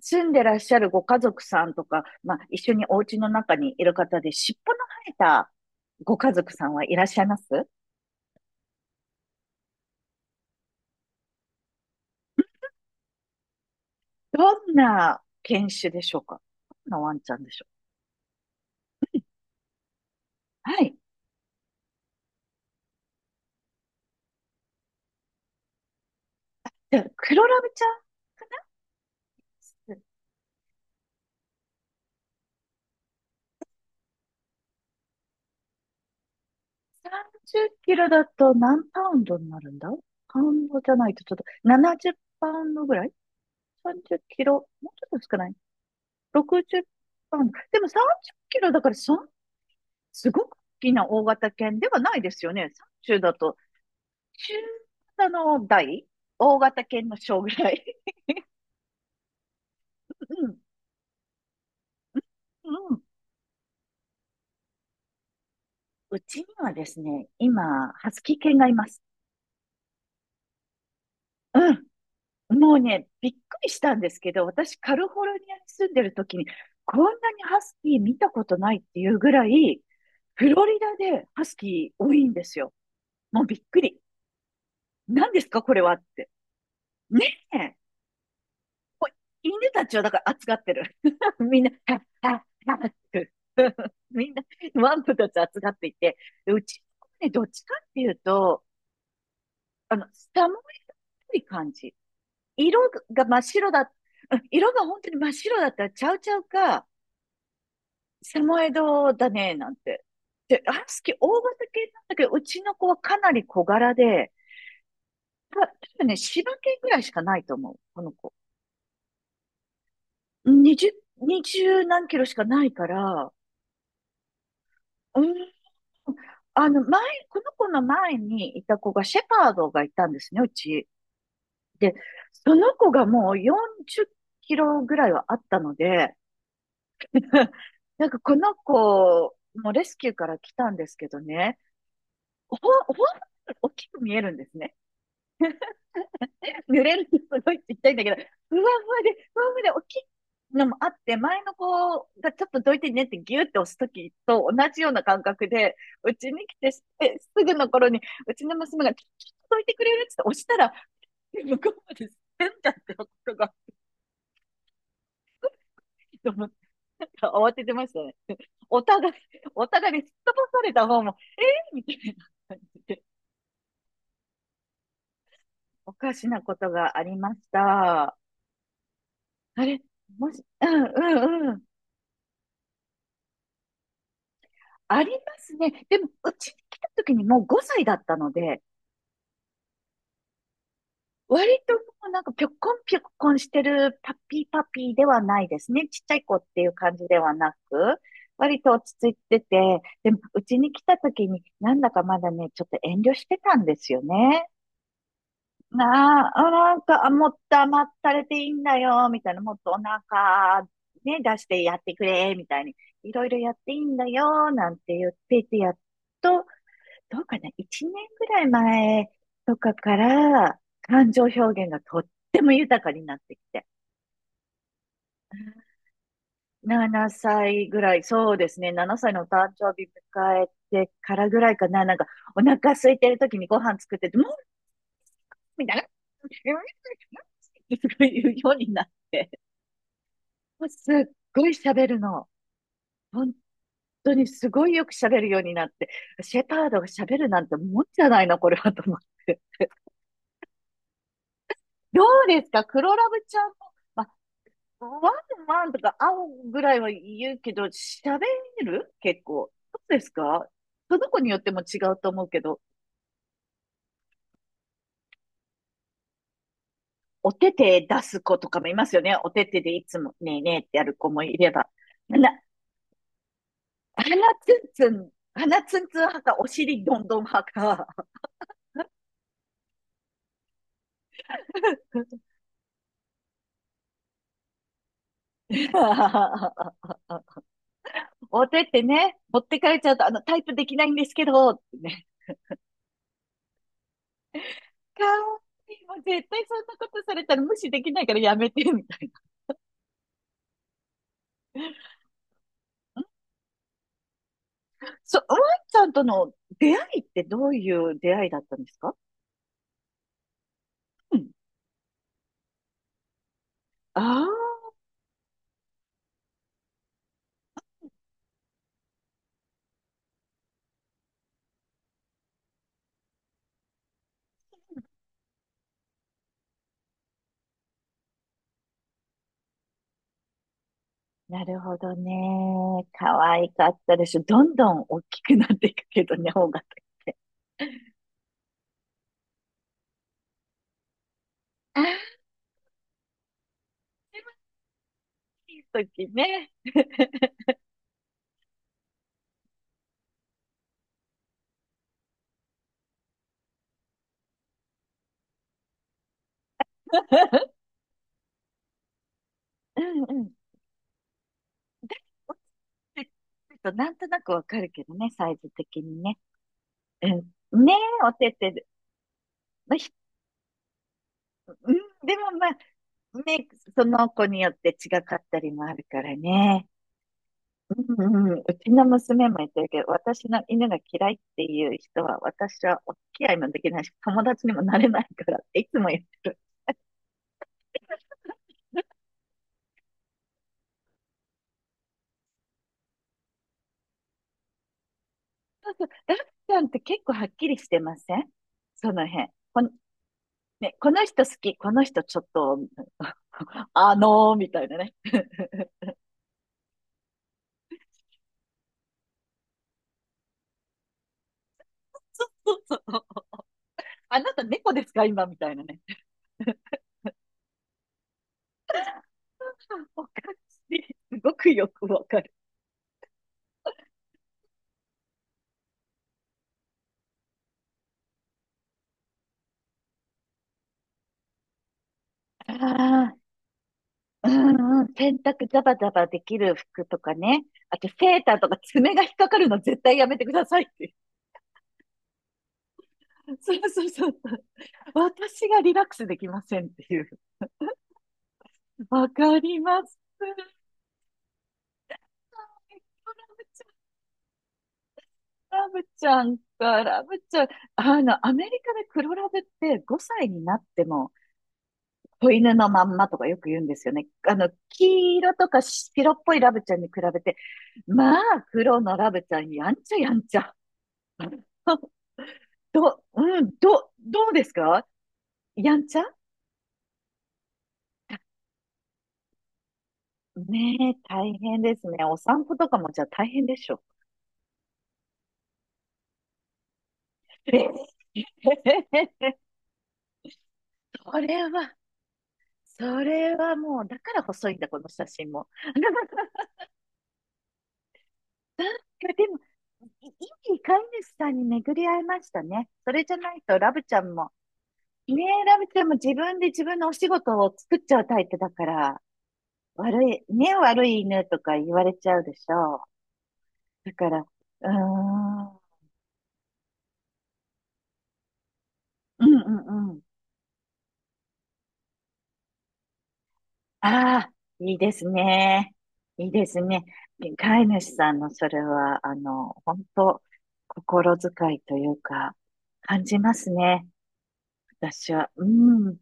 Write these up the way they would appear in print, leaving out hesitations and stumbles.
住んでらっしゃるご家族さんとか、まあ、一緒にお家の中にいる方で、尻尾の生えたご家族さんはいらっしゃいますどんな犬種でしょうか？どんなワンちゃんでしょう？はい。じゃあ、黒ラブちゃん、30キロだと何パウンドになるんだ？パウンドじゃないとちょっと、70パウンドぐらい？ 30 キロ、もうちょっと少ない？ 60 パウンド。でも30キロだからそん、すごく大きな大型犬ではないですよね。30だと中型の大型犬の小ぐらい。うん。うん。うちにはですね、今、ハスキー犬がいます。うん。もうね、びっくりしたんですけど、私、カリフォルニアに住んでる時に、こんなにハスキー見たことないっていうぐらい、フロリダでハスキー多いんですよ。もうびっくり。何ですか、これはって。ねえ。こう犬たちはだから扱ってる。みんな、はっはっはっって みんな、ワンプたち扱っていて、で、うちの子ね、どっちかっていうと、あの、下もい感じ。色が真っ白だ、うん、色が本当に真っ白だったらちゃうちゃうか、サモエドだね、なんて。で、ハスキー大型犬なんだけど、うちの子はかなり小柄で、多分ね、柴犬ぐらいしかないと思う、この子。20、20何キロしかないから、うーん、あの、前、この子の前にいた子が、シェパードがいたんですね、うち。で、その子がもう40キロぐらいはあったので、なんかこの子もレスキューから来たんですけどね、ほ、ほん、大きく見えるんですね。濡れるのすごいちっちゃいんだけど、ふわふわで大きいのもあって、前の子がちょっとどいてねってギュって押すときと同じような感覚で、うちに来てすぐの頃に、うちの娘が、ちょっとどいてくれるって押したら、向こうまで変だってことが、と思って。なんか慌ててましたね。お互い、お互いにすっ飛ばされた方も、えー、みたいな感じで、おかしなことがありました。あれもし、うん、うん、うん。ありますね。でも、うちに来た時にもう5歳だったので、割ともうなんかぴょこんぴょこんしてるパピーではないですね。ちっちゃい子っていう感じではなく、割と落ち着いてて、でもうちに来た時になんだかまだね、ちょっと遠慮してたんですよね。なあ、なんか、もっと甘ったれていいんだよ、みたいな、もっとお腹、ね、出してやってくれ、みたいに、いろいろやっていいんだよ、なんて言っていて、やっとどうかな、1年ぐらい前とかから、感情表現がとっても豊かになってきて、7歳ぐらい、そうですね、7歳のお誕生日迎えてからぐらいかな、なんか、お腹空いてる時にご飯作ってて、もうみたいな、すごい言うようになって、もうすっごい喋るの。本当にすごいよく喋るようになって、シェパードが喋るなんてもんじゃないな、これはと思って。どうですか黒ラブちゃんも、まあ、ワンワンとか会うぐらいは言うけど、喋る結構。そうですか？その子によっても違うと思うけど、お手手出す子とかもいますよね。お手手でいつもねえねえってやる子もいれば。な、鼻鼻ツンツン派か、お尻どんどん派か。お手手ね、持ってかれちゃうと、あの、タイプできないんですけど、ってね。かわいい。もう絶対そんなことされたら無視できないからやめて、みたいな。そ、ワンちゃんとの出会いってどういう出会いだったんですか？うん。ああ、なるほどね。可愛かったでしょ。どんどん大きくなっていくけどね、方が。ああ時ね。うんうん。ちてっとなんとなくわかるけどね、サイズ的にね。うん。ねえ、おててで、まあ、ひうん、でもまあ、ね、その子によって違かったりもあるからね。うんうん、うちの娘も言ってるけど、私の犬が嫌いっていう人は、私はお付き合いもできないし、友達にもなれないからっていつも言ってる。ダッちゃんって結構はっきりしてません？その辺。この、ね、この人好き、この人ちょっと、あのー、みたいなね。そうそうそう。あなた猫ですか今みたいなね。おかしい。すごくよくわかる。ああ。うんうん、洗濯ザバザバできる服とかね。あとセーターとか爪が引っかかるの絶対やめてくださいっていう。そうそうそう。私がリラックスできませんっていう。わかります。ラブちゃんか、ラブちゃん。あの、アメリカで黒ラブって5歳になっても、子犬のまんまとかよく言うんですよね。あの、黄色とか白っぽいラブちゃんに比べて、まあ、黒のラブちゃん、やんちゃやんちゃ。どうですか？やんちゃ？ねえ、大変ですね。お散歩とかもじゃあ大変でしょ。ええ それは、それはもう、だから細いんだ、この写真も。なんか、でも、いい飼い主さんに巡り合いましたね。それじゃないと、ラブちゃんも、ねえ、ラブちゃんも自分で自分のお仕事を作っちゃうタイプだから、悪い犬とか言われちゃうでしょう。だから、うーん、うんうんうん。ああ、いいですね。いいですね。飼い主さんのそれは、あの、本当心遣いというか、感じますね。私は。うん。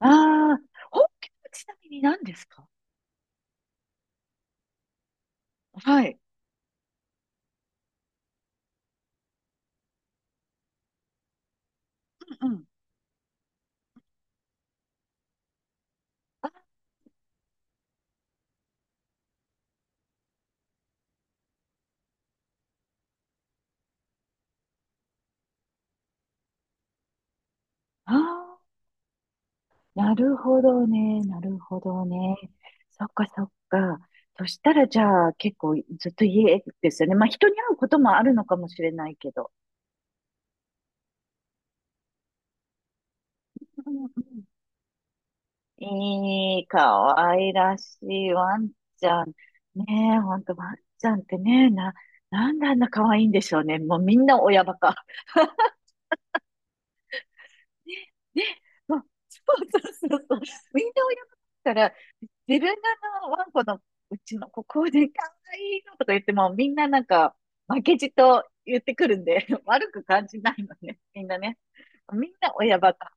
ああ、本気はちなみに何ですか？はい。うんうん。ああー、なるほどね。なるほどね。そっかそっか。そしたらじゃあ結構ずっと家ですよね。まあ人に会うこともあるのかもしれないけど。うんうん、いい、可愛らしいワンちゃん。ねえ、ほんとワンちゃんってね、な、なんであんな可愛いんでしょうね。もうみんな親バカ。ね、もう、そうそうそうそう。みんな親バカだから、自分があのワンコのうちのここで可愛いのとか言っても、みんななんか、負けじと言ってくるんで、悪く感じないのね。みんなね。みんな親バカ。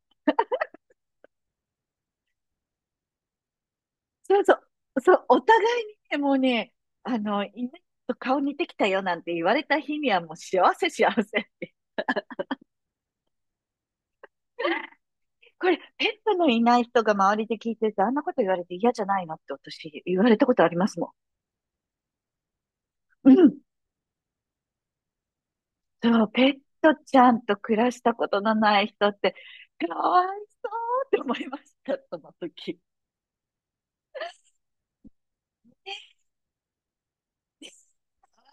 そう、お互いにね、もうね、あの、犬と顔似てきたよなんて言われた日にはもう幸せ幸せって。これ、ペットのいない人が周りで聞いてて、あんなこと言われて嫌じゃないのって私言われたことありますもん。うん。そう、ペットちゃんと暮らしたことのない人って、かわいそうって思いました、その時。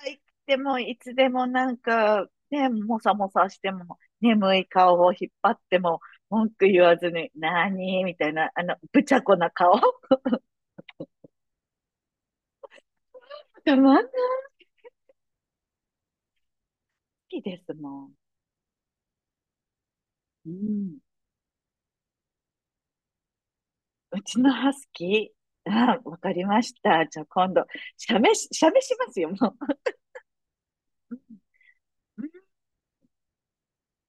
いつでもなんか、ね、もさもさしても、眠い顔を引っ張っても、文句言わずに、なにみたいな、あの、ぶちゃこな顔。でまんなきですもん。うん。うちのハスキー。あ、わかりました。じゃあ今度、写メしますよ、もう。